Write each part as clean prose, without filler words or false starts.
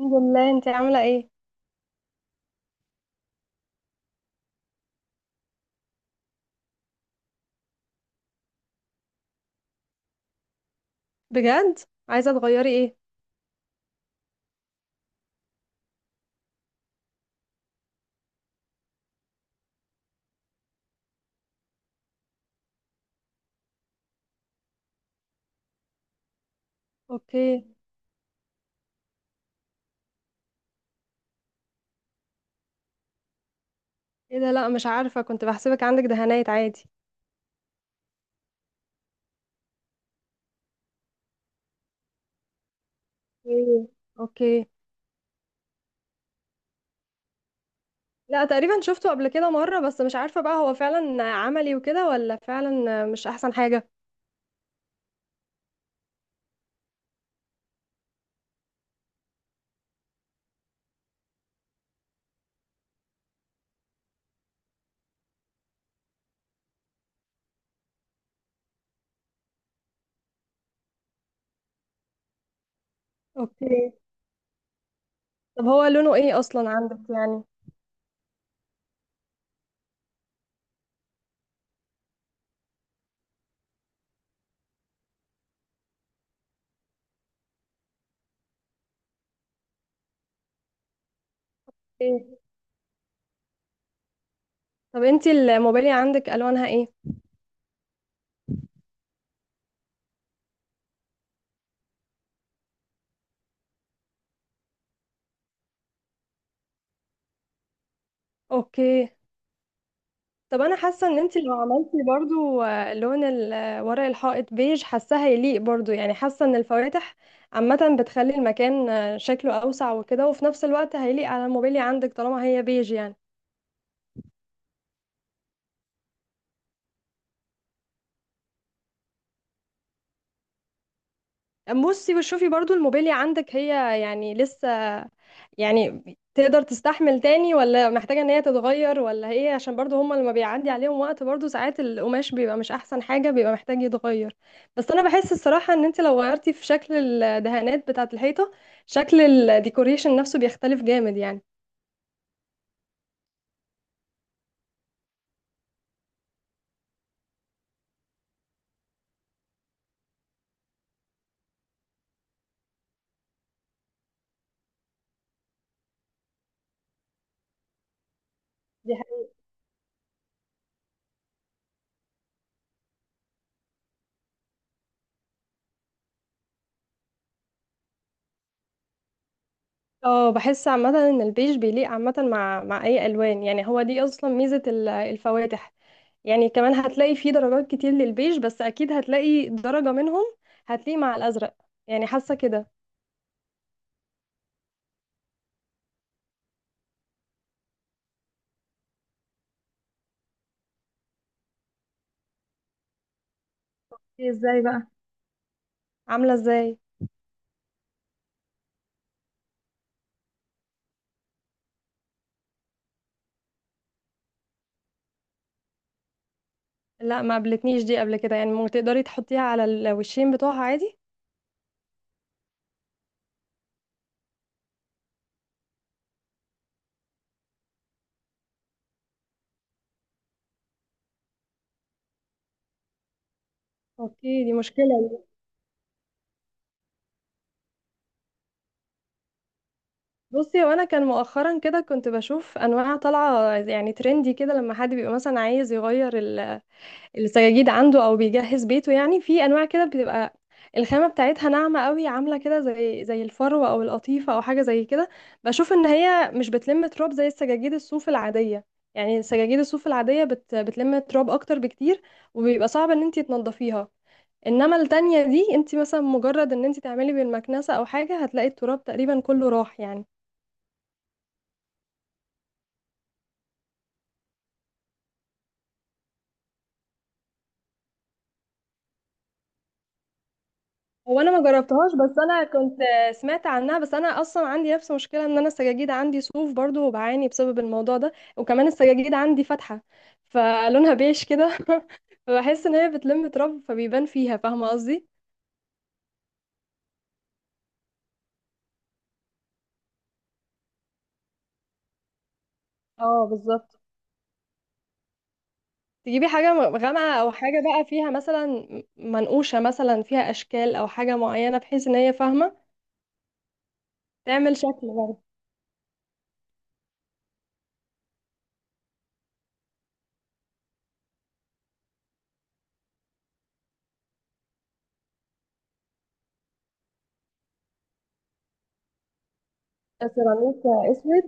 الحمد لله، انت عاملة ايه؟ بجد؟ عايزة تغيري ايه؟ اوكي. ايه ده؟ لا، مش عارفة، كنت بحسبك عندك دهانات عادي. ايه. اوكي. لا، تقريبا شفته قبل كده مرة، بس مش عارفة بقى هو فعلا عملي وكده ولا فعلا مش احسن حاجة. اوكي. طب هو لونه ايه اصلا عندك يعني؟ ايه. طب انت الموبايل عندك الوانها ايه؟ اوكي. طب انا حاسه ان انت لو عملتي برضو لون ورق الحائط بيج، حاساه هيليق برضو. يعني حاسه ان الفواتح عامه بتخلي المكان شكله اوسع وكده، وفي نفس الوقت هيليق على الموبيليا عندك طالما هي بيج يعني. بصي وشوفي برضو الموبيليا عندك، هي يعني لسه، يعني تقدر تستحمل تاني ولا محتاجة ان هي تتغير، ولا هي عشان برضو هما لما بيعدي عليهم وقت برضو ساعات القماش بيبقى مش احسن حاجة، بيبقى محتاج يتغير. بس انا بحس الصراحة ان انت لو غيرتي في شكل الدهانات بتاعة الحيطة، شكل الديكوريشن نفسه بيختلف جامد يعني. دي حقيقة. اه، بحس عامة ان البيج بيليق عامة مع اي الوان. يعني هو دي اصلا ميزة الفواتح. يعني كمان هتلاقي فيه درجات كتير للبيج، بس اكيد هتلاقي درجة منهم هتلاقي مع الازرق، يعني حاسة كده. إيه ازاي بقى؟ عاملة ازاي؟ لا، ما قابلتنيش دي قبل كده، يعني ممكن تقدري تحطيها على الوشين بتوعها عادي. اوكي، دي مشكلة دي. بصي، وانا كان مؤخرا كده كنت بشوف انواع طالعة يعني ترندي كده، لما حد بيبقى مثلا عايز يغير السجاجيد عنده او بيجهز بيته. يعني في انواع كده بتبقى الخامه بتاعتها ناعمه قوي، عامله كده زي الفروه او القطيفه او حاجه زي كده. بشوف ان هي مش بتلم تراب زي السجاجيد الصوف العاديه، يعني سجاجيد الصوف العاديه بتلم تراب اكتر بكتير، وبيبقى صعب ان انتي تنضفيها. انما التانية دي، انتي مثلا مجرد ان انتي تعملي بالمكنسه او حاجه هتلاقي التراب تقريبا كله راح يعني. هو انا ما جربتهاش، بس انا كنت سمعت عنها. بس انا اصلا عندي نفس مشكله ان انا السجاجيد عندي صوف برضو، وبعاني بسبب الموضوع ده. وكمان السجاجيد عندي فاتحه، فلونها بيش كده فبحس ان هي بتلم تراب فبيبان فيها، فاهمه قصدي. اه، بالظبط. تجيبي حاجه غامقه، او حاجه بقى فيها مثلا منقوشه، مثلا فيها اشكال او حاجه معينه بحيث ان هي فاهمه تعمل شكل برضه. سيراميك؟ اسود؟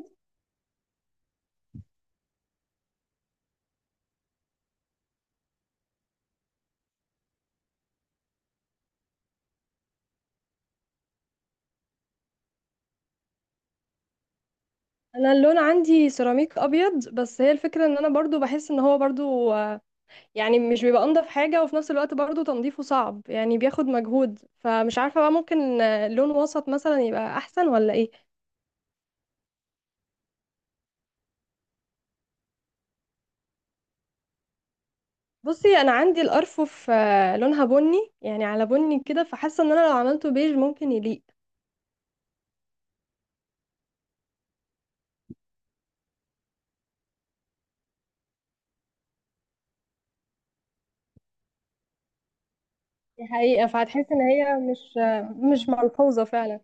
انا اللون عندي سيراميك ابيض، بس هي الفكره ان انا برضو بحس ان هو برضو يعني مش بيبقى انضف حاجة، وفي نفس الوقت برضو تنظيفه صعب يعني بياخد مجهود. فمش عارفة بقى، ممكن لون وسط مثلا يبقى احسن ولا ايه؟ بصي، انا عندي الارفف لونها بني، يعني على بني كده، فحاسة ان انا لو عملته بيج ممكن يليق. دي حقيقة، فهتحس ان هي مش مش ملحوظة فعلا.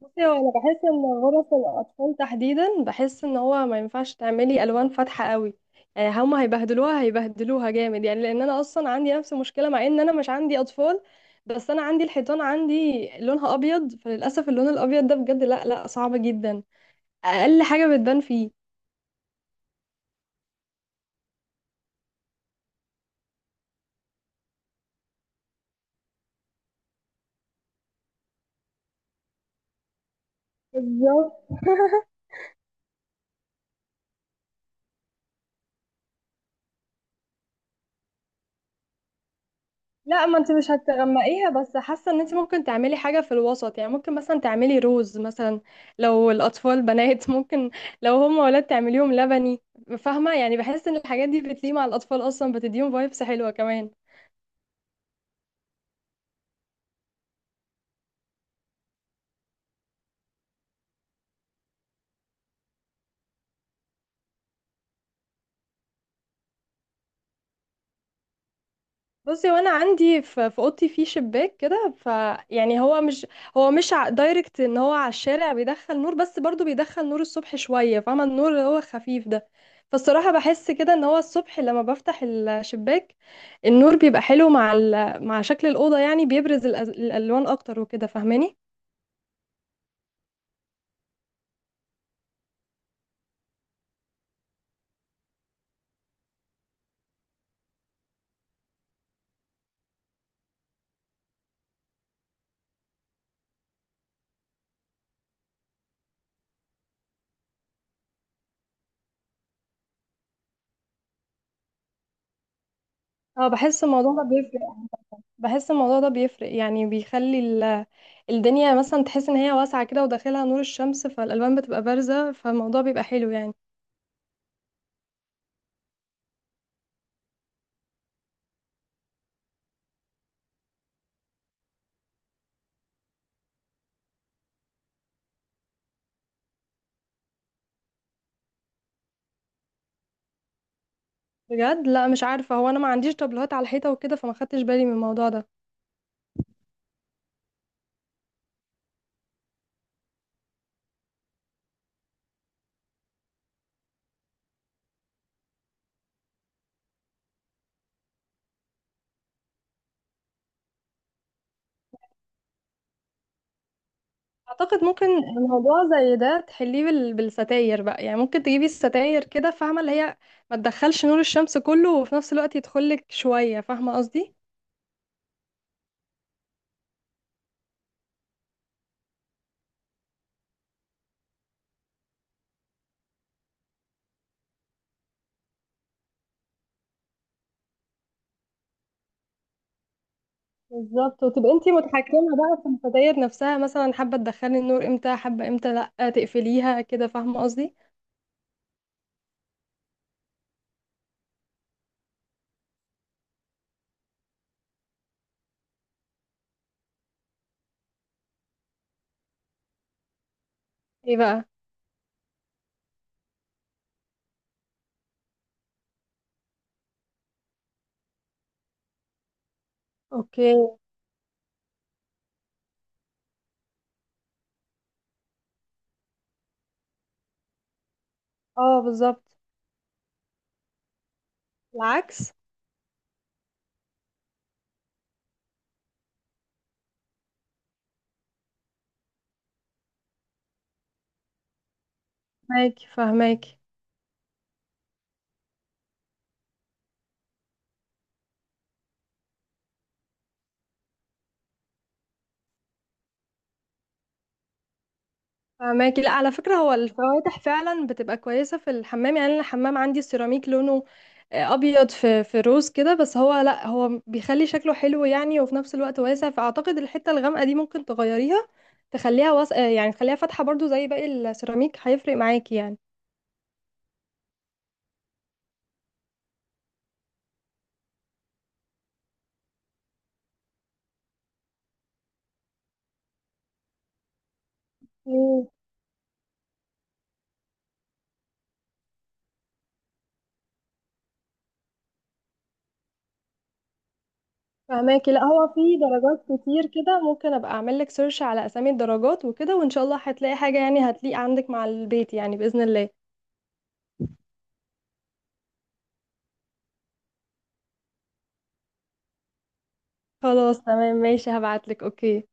بصي، هو انا بحس ان غرف الاطفال تحديدا، بحس ان هو ما ينفعش تعملي الوان فاتحه قوي، يعني هما هيبهدلوها هيبهدلوها جامد يعني. لان انا اصلا عندي نفس المشكله، مع ان انا مش عندي اطفال، بس انا عندي الحيطان عندي لونها ابيض، فللاسف اللون الابيض ده بجد لا لا، صعب جدا. اقل حاجه بتبان فيه. بالظبط لا، ما انت مش هتغمقيها، بس حاسه ان انت ممكن تعملي حاجه في الوسط، يعني ممكن مثلا تعملي روز مثلا لو الاطفال بنات ممكن لو هم ولاد تعمليهم لبني، فاهمه؟ يعني بحس ان الحاجات دي بتليق مع الاطفال اصلا، بتديهم فايبس حلوه كمان. بصي، وانا عندي في اوضتي في شباك كده، فيعني هو مش دايركت ان هو على الشارع بيدخل نور، بس برضو بيدخل نور الصبح شويه، فاهمه النور اللي هو خفيف ده. فالصراحه بحس كده ان هو الصبح لما بفتح الشباك النور بيبقى حلو مع شكل الاوضه، يعني بيبرز الالوان اكتر وكده، فاهماني؟ اه، بحس الموضوع ده بيفرق. يعني بيخلي الدنيا مثلا تحس ان هي واسعه كده، وداخلها نور الشمس، فالالوان بتبقى بارزه، فالموضوع بيبقى حلو يعني. بجد؟ لا، مش عارفة، هو أنا ما عنديش طابلوهات على الحيطة وكده، فما خدتش بالي من الموضوع ده. أعتقد ممكن موضوع زي ده تحليه بالستاير بقى، يعني ممكن تجيبي الستاير كده، فاهمة، اللي هي ما تدخلش نور الشمس كله وفي نفس الوقت يدخلك شوية، فاهمة قصدي. بالظبط، وتبقى انتي متحكمة بقى في الستاير نفسها، مثلا حابة تدخلي النور امتى، حابة امتى لا تقفليها كده، فاهمة قصدي. ايه بقى؟ اوكي. اه، بالظبط. العكس. فاهماكي فاهماكي. فماكي. لا، على فكرة، هو الفواتح فعلا بتبقى كويسة في الحمام، يعني أنا الحمام عندي السيراميك لونه أبيض في روز كده، بس هو، لا، هو بيخلي شكله حلو يعني، وفي نفس الوقت واسع. فأعتقد الحتة الغامقة دي ممكن تغيريها، تخليها يعني تخليها فاتحة برضو زي باقي السيراميك، هيفرق معاكي يعني. مم. فماكي، لا هو في درجات كتير كده، ممكن أبقى أعمل لك سيرش على أسامي الدرجات وكده، وإن شاء الله هتلاقي حاجة يعني هتليق عندك مع البيت يعني، بإذن الله. خلاص، تمام ماشي، هبعت لك. أوكي.